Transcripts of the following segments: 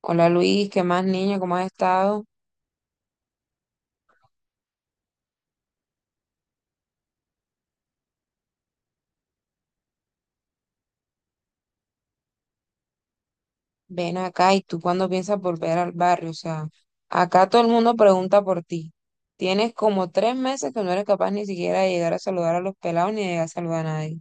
Hola Luis, ¿qué más niño? ¿Cómo has estado? Ven acá y tú cuándo piensas volver al barrio, o sea, acá todo el mundo pregunta por ti. Tienes como 3 meses que no eres capaz ni siquiera de llegar a saludar a los pelados ni de llegar a saludar a nadie.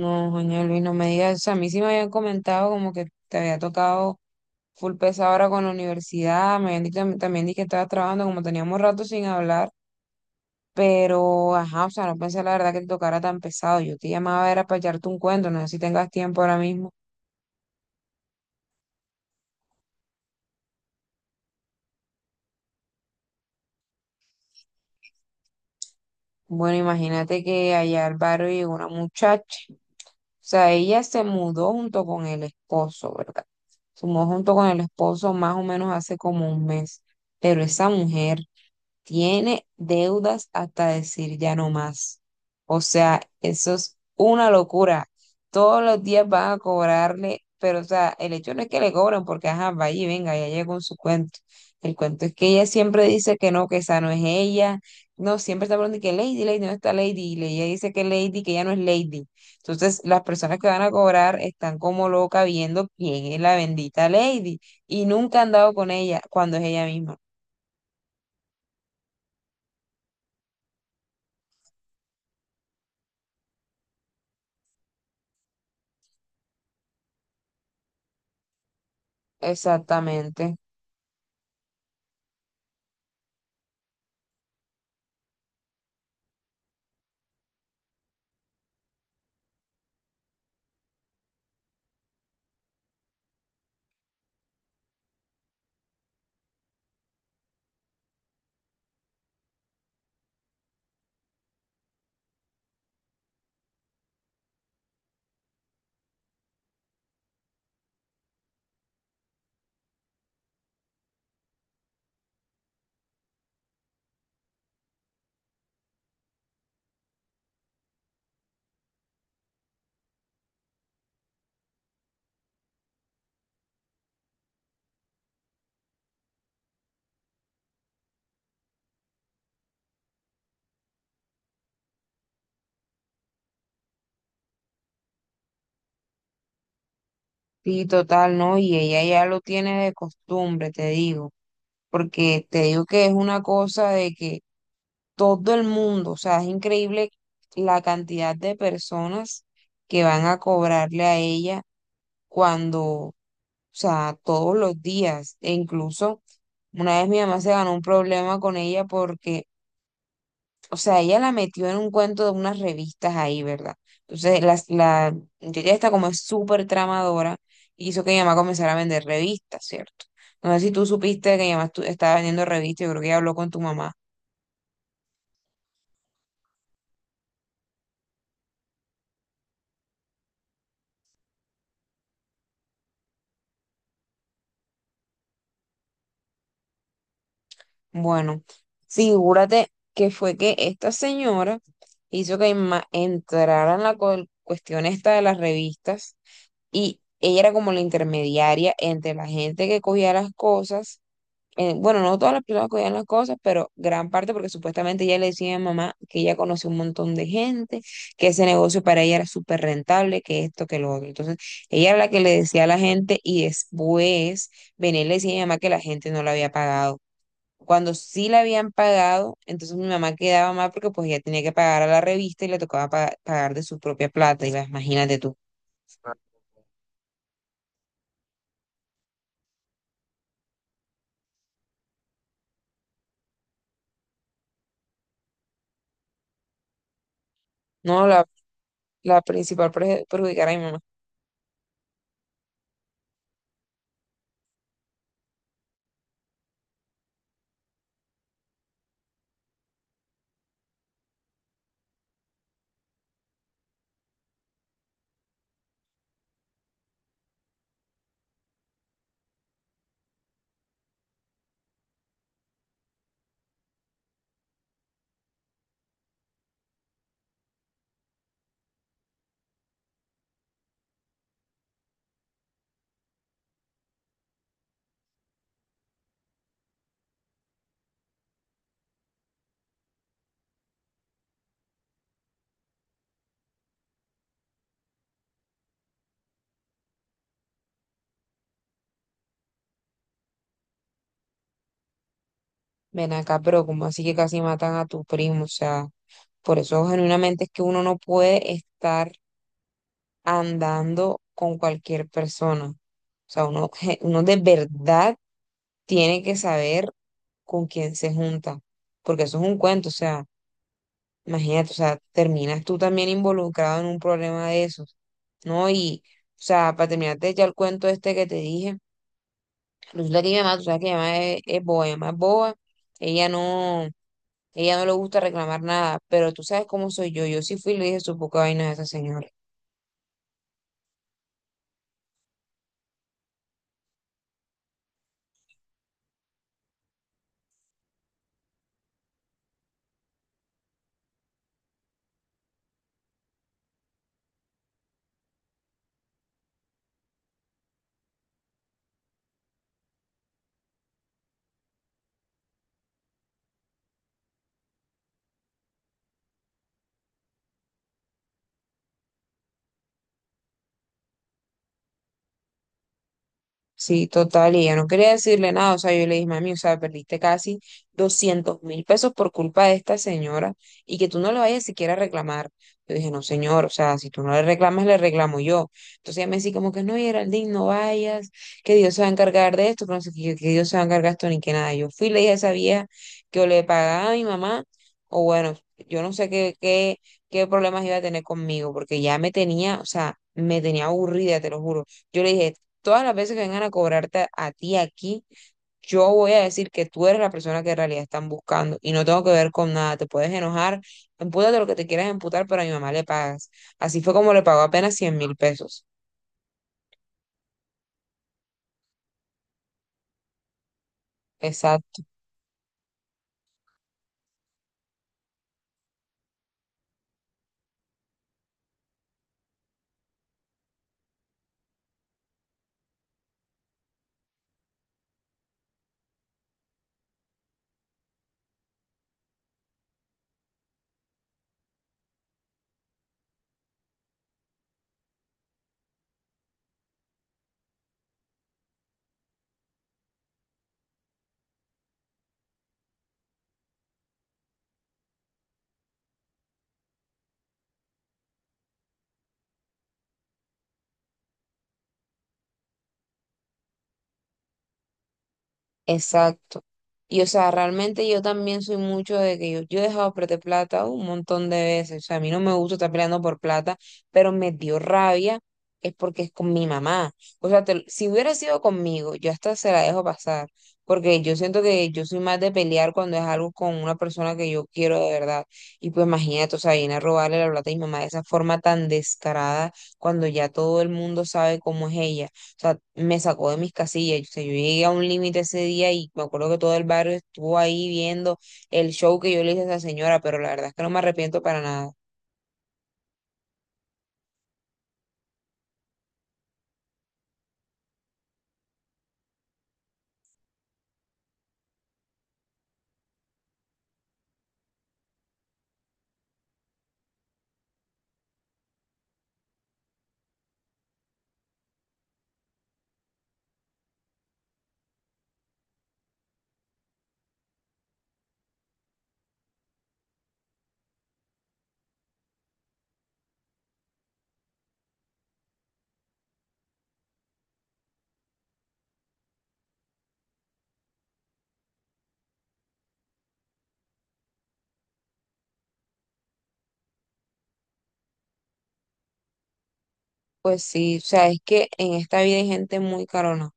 No, coño Luis, no me digas, o sea, a mí sí me habían comentado como que te había tocado full pesado ahora con la universidad, me habían dicho también di que estabas trabajando, como teníamos rato sin hablar, pero ajá, o sea, no pensé la verdad que te tocara tan pesado. Yo te llamaba era para echarte un cuento, no sé si tengas tiempo ahora mismo. Bueno, imagínate que allá al barrio llegó una muchacha. O sea, ella se mudó junto con el esposo, ¿verdad? Se mudó junto con el esposo más o menos hace como un mes. Pero esa mujer tiene deudas hasta decir ya no más. O sea, eso es una locura. Todos los días van a cobrarle, pero o sea, el hecho no es que le cobran porque, ajá, vaya y venga, ya llegó con su cuento. El cuento es que ella siempre dice que no, que esa no es ella. No, siempre está hablando de que Lady, Lady no está Lady. Y ella dice que Lady, que ella no es Lady. Entonces, las personas que van a cobrar están como locas viendo quién es la bendita Lady. Y nunca han dado con ella cuando es ella misma. Exactamente. Sí, total, ¿no? Y ella ya lo tiene de costumbre, te digo, porque te digo que es una cosa de que todo el mundo, o sea, es increíble la cantidad de personas que van a cobrarle a ella cuando, o sea, todos los días, e incluso una vez mi mamá se ganó un problema con ella porque o sea, ella la metió en un cuento de unas revistas ahí, ¿verdad? Entonces, la muchacha está como es súper tramadora y hizo que mi mamá comenzara a vender revistas, ¿cierto? No sé si tú supiste que mi mamá estaba vendiendo revistas, yo creo que ella habló con tu mamá. Bueno, figúrate que fue que esta señora hizo que mi mamá entrara en la cuestión esta de las revistas y ella era como la intermediaria entre la gente que cogía las cosas bueno, no todas las personas cogían las cosas, pero gran parte porque supuestamente ella le decía a mamá que ella conoció un montón de gente, que ese negocio para ella era súper rentable, que esto, que lo otro. Entonces, ella era la que le decía a la gente y después venía y le decía a mi mamá que la gente no la había pagado. Cuando sí la habían pagado, entonces mi mamá quedaba mal porque pues ella tenía que pagar a la revista y le tocaba pagar de su propia plata, y las imagínate tú. No, la principal perjudicar a mi mamá. Ven acá, pero como así que casi matan a tu primo, o sea. Por eso genuinamente es que uno no puede estar andando con cualquier persona. O sea, uno, uno de verdad tiene que saber con quién se junta, porque eso es un cuento. O sea, imagínate, o sea, terminas tú también involucrado en un problema de esos, ¿no? Y, o sea, para terminarte ya el cuento este que te dije, resulta que mi mamá, tú sabes que mi mamá es boba, mi mamá es boba, ella no, ella no le gusta reclamar nada, pero tú sabes cómo soy yo. Yo sí fui y le dije su poca vaina a esa señora. Sí, total, y yo no quería decirle nada, o sea, yo le dije, mami, o sea, perdiste casi 200.000 pesos por culpa de esta señora y que tú no le vayas siquiera a reclamar. Yo dije, no, señor, o sea, si tú no le reclamas, le reclamo yo. Entonces ella me decía como que no, Geraldine, no vayas, que Dios se va a encargar de esto, pero no sé qué, yo, que Dios se va a encargar de esto ni que nada. Yo fui y le dije a esa vieja que o le pagaba a mi mamá, o bueno, yo no sé qué problemas iba a tener conmigo, porque ya me tenía, o sea, me tenía aburrida, te lo juro. Yo le dije, todas las veces que vengan a cobrarte a ti aquí, yo voy a decir que tú eres la persona que en realidad están buscando y no tengo que ver con nada. Te puedes enojar, empútate lo que te quieras emputar, pero a mi mamá le pagas. Así fue como le pagó apenas 100.000 pesos. Exacto. Exacto. Y o sea, realmente yo también soy mucho de que yo he dejado perder plata un montón de veces. O sea, a mí no me gusta estar peleando por plata, pero me dio rabia es porque es con mi mamá. O sea, si hubiera sido conmigo, yo hasta se la dejo pasar, porque yo siento que yo soy más de pelear cuando es algo con una persona que yo quiero de verdad. Y pues imagínate, o sea, viene a robarle la plata a mi mamá de esa forma tan descarada cuando ya todo el mundo sabe cómo es ella. O sea, me sacó de mis casillas. O sea, yo llegué a un límite ese día y me acuerdo que todo el barrio estuvo ahí viendo el show que yo le hice a esa señora, pero la verdad es que no me arrepiento para nada. Pues sí, o sea, es que en esta vida hay gente muy carona.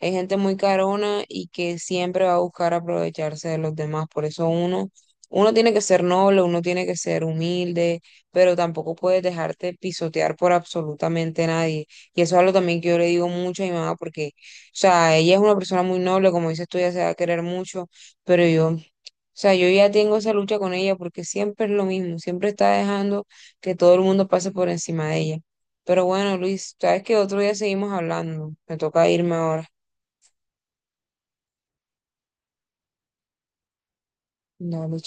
Hay gente muy carona y que siempre va a buscar aprovecharse de los demás. Por eso uno, uno tiene que ser noble, uno tiene que ser humilde, pero tampoco puedes dejarte pisotear por absolutamente nadie. Y eso es algo también que yo le digo mucho a mi mamá, porque, o sea, ella es una persona muy noble, como dices tú, ella se va a querer mucho, pero yo, o sea, yo ya tengo esa lucha con ella porque siempre es lo mismo, siempre está dejando que todo el mundo pase por encima de ella. Pero bueno, Luis, sabes que otro día seguimos hablando. Me toca irme ahora. No, mi